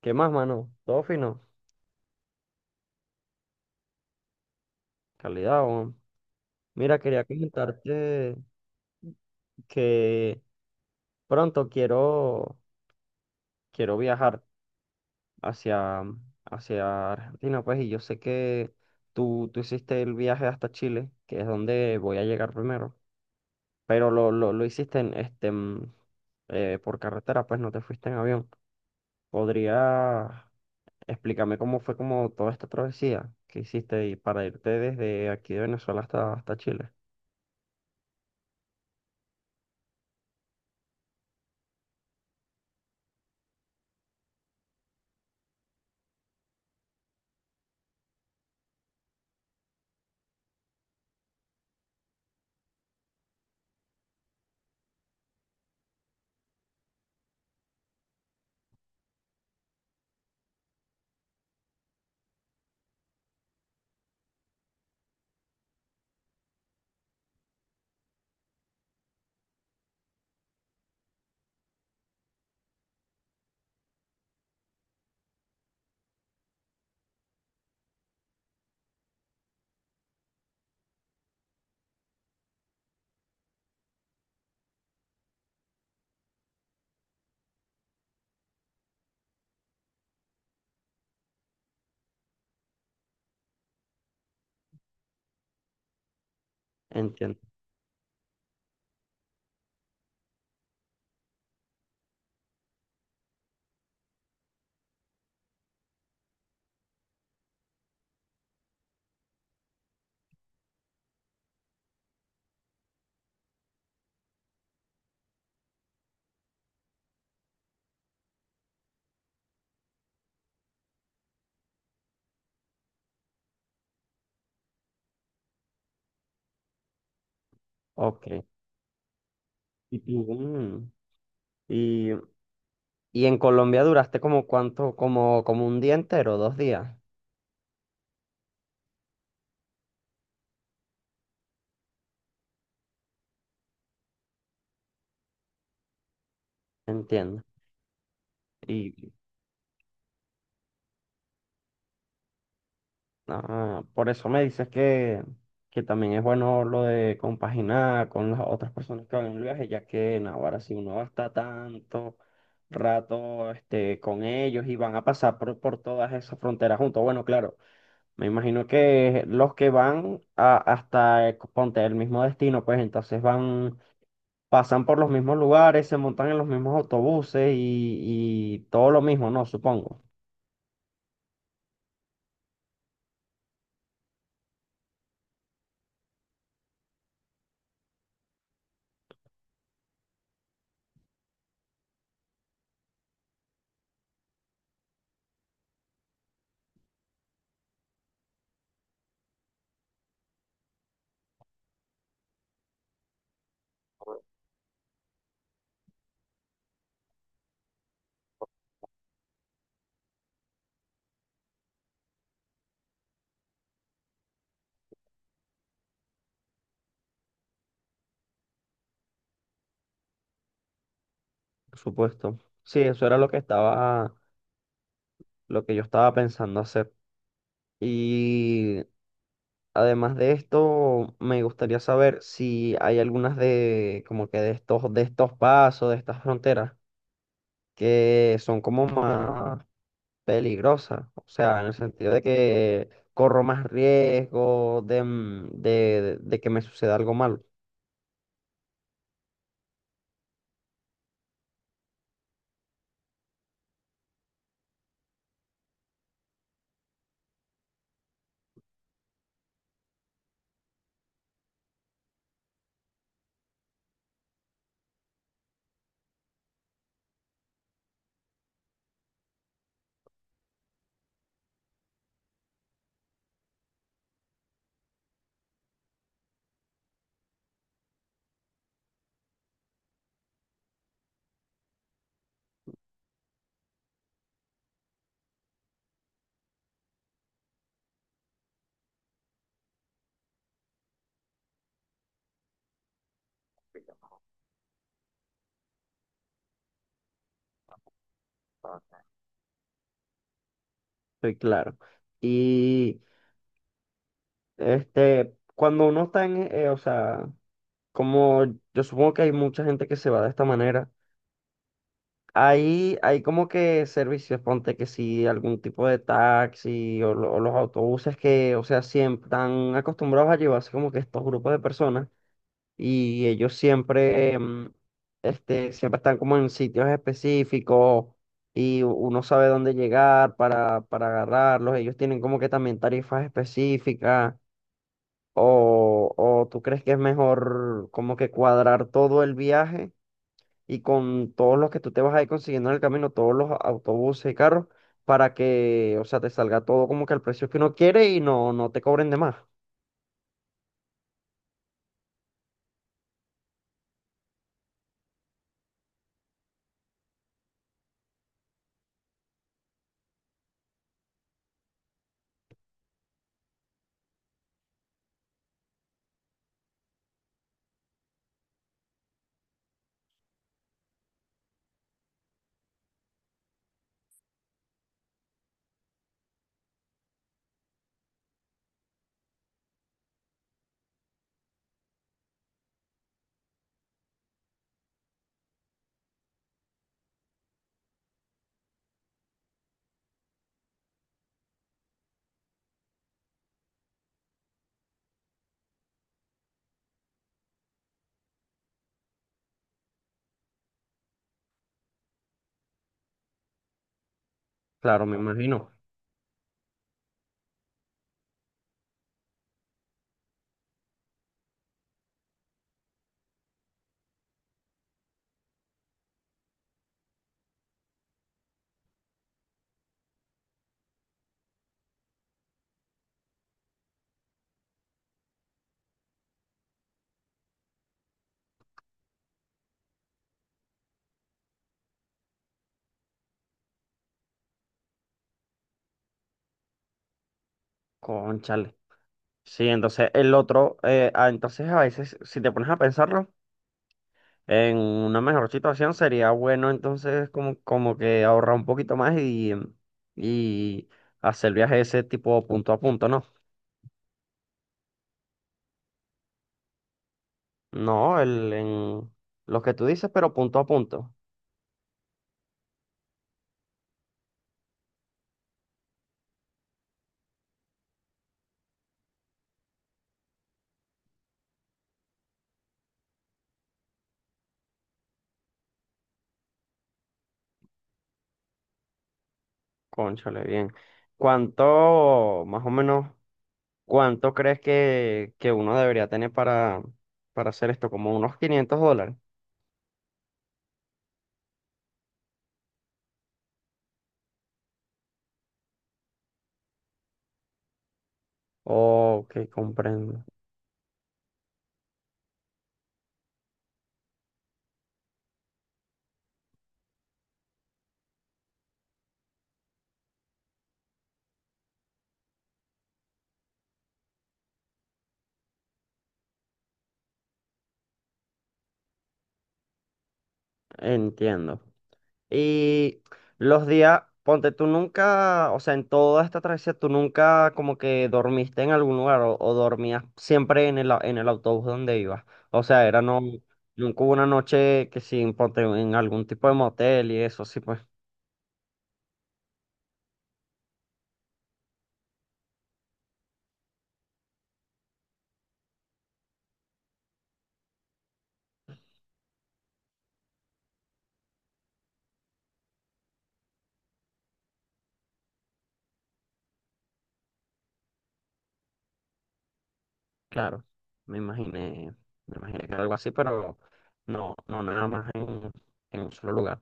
¿Qué más, mano? Todo fino. Calidad, weón. Mira, quería comentarte que pronto quiero viajar hacia, hacia Argentina, pues, y yo sé que tú hiciste el viaje hasta Chile, que es donde voy a llegar primero, pero lo hiciste en, este, por carretera, pues no te fuiste en avión. ¿Podría explicarme cómo fue como toda esta travesía que hiciste y para irte desde aquí de Venezuela hasta, hasta Chile? Entiendo. Ok. Mm. Y, y en Colombia duraste como cuánto, como, como un día entero, dos días, entiendo. Y ah, por eso me dices que también es bueno lo de compaginar con las otras personas que van en el viaje, ya que en ahora si uno va a estar tanto rato este, con ellos y van a pasar por todas esas fronteras juntos. Bueno, claro, me imagino que los que van a- hasta, ponte, el mismo destino, pues entonces van pasan por los mismos lugares, se montan en los mismos autobuses y todo lo mismo, ¿no? Supongo, por supuesto. Sí, eso era lo que estaba, lo que yo estaba pensando hacer. Y además de esto, me gustaría saber si hay algunas de, como que de estos pasos, de estas fronteras, que son como más peligrosas. O sea, en el sentido de que corro más riesgo de, mm, de que me suceda algo malo. Sí, claro. Y este, cuando uno está en, o sea, como yo supongo que hay mucha gente que se va de esta manera, ahí hay como que servicios, ponte que sí, algún tipo de taxi o, lo- o los autobuses que, o sea, siempre están acostumbrados a llevarse como que estos grupos de personas. Y ellos siempre, este, siempre están como en sitios específicos y u- uno sabe dónde llegar para agarrarlos. Ellos tienen como que también tarifas específicas o tú crees que es mejor como que cuadrar todo el viaje y con todos los que tú te vas a ir consiguiendo en el camino, todos los autobuses y carros, para que, o sea, te salga todo como que al precio que uno quiere y no te cobren de más. Claro, me imagino. Cónchale. Sí, entonces el otro, ah, entonces a veces, si te pones a pensarlo, en una mejor situación sería bueno entonces como, como que ahorrar un poquito más y hacer el viaje ese tipo punto a punto, ¿no? No, el, en lo que tú dices, pero punto a punto. Cónchale, bien. ¿Cuánto, más o menos, cuánto crees que uno debería tener para hacer esto? ¿Como unos $500? Ok, comprendo. Entiendo. Y los días, ponte, tú nunca, o sea, en toda esta travesía, tú nunca como que dormiste en algún lugar o dormías siempre en el, au- en el autobús donde ibas. O sea, era no, nunca hubo una noche que sin, ponte, en algún tipo de motel y eso, sí, pues, claro, me imaginé, me imaginé que era algo así, pero no, no, nada más en un solo lugar.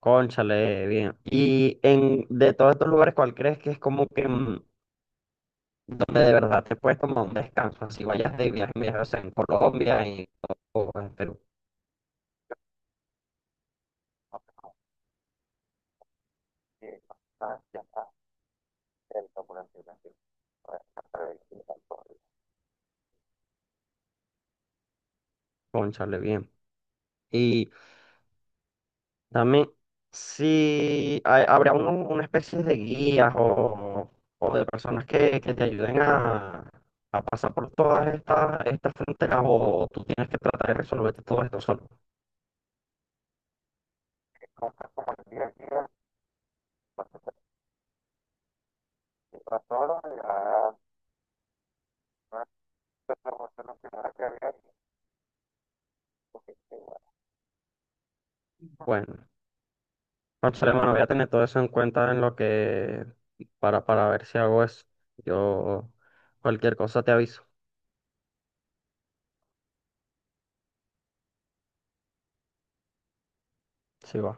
Cónchale, bien. Y en, de todos estos lugares, ¿cuál crees que es como que mm, donde de verdad te puedes tomar un descanso, así vayas de viaje, mira, o sea, en Colombia y o en Perú. Sí. Bueno, sí, Cónchale, bien. Y también, si hay- habrá uno- una especie de guías o de personas que te ayuden a pasar por todas estas estas fronteras o tú tienes que tratar de resolverte todo esto solo. Pues, bueno, no sé, bueno, voy a tener todo eso en cuenta en lo que, para ver si hago eso. Yo cualquier cosa te aviso, sí va.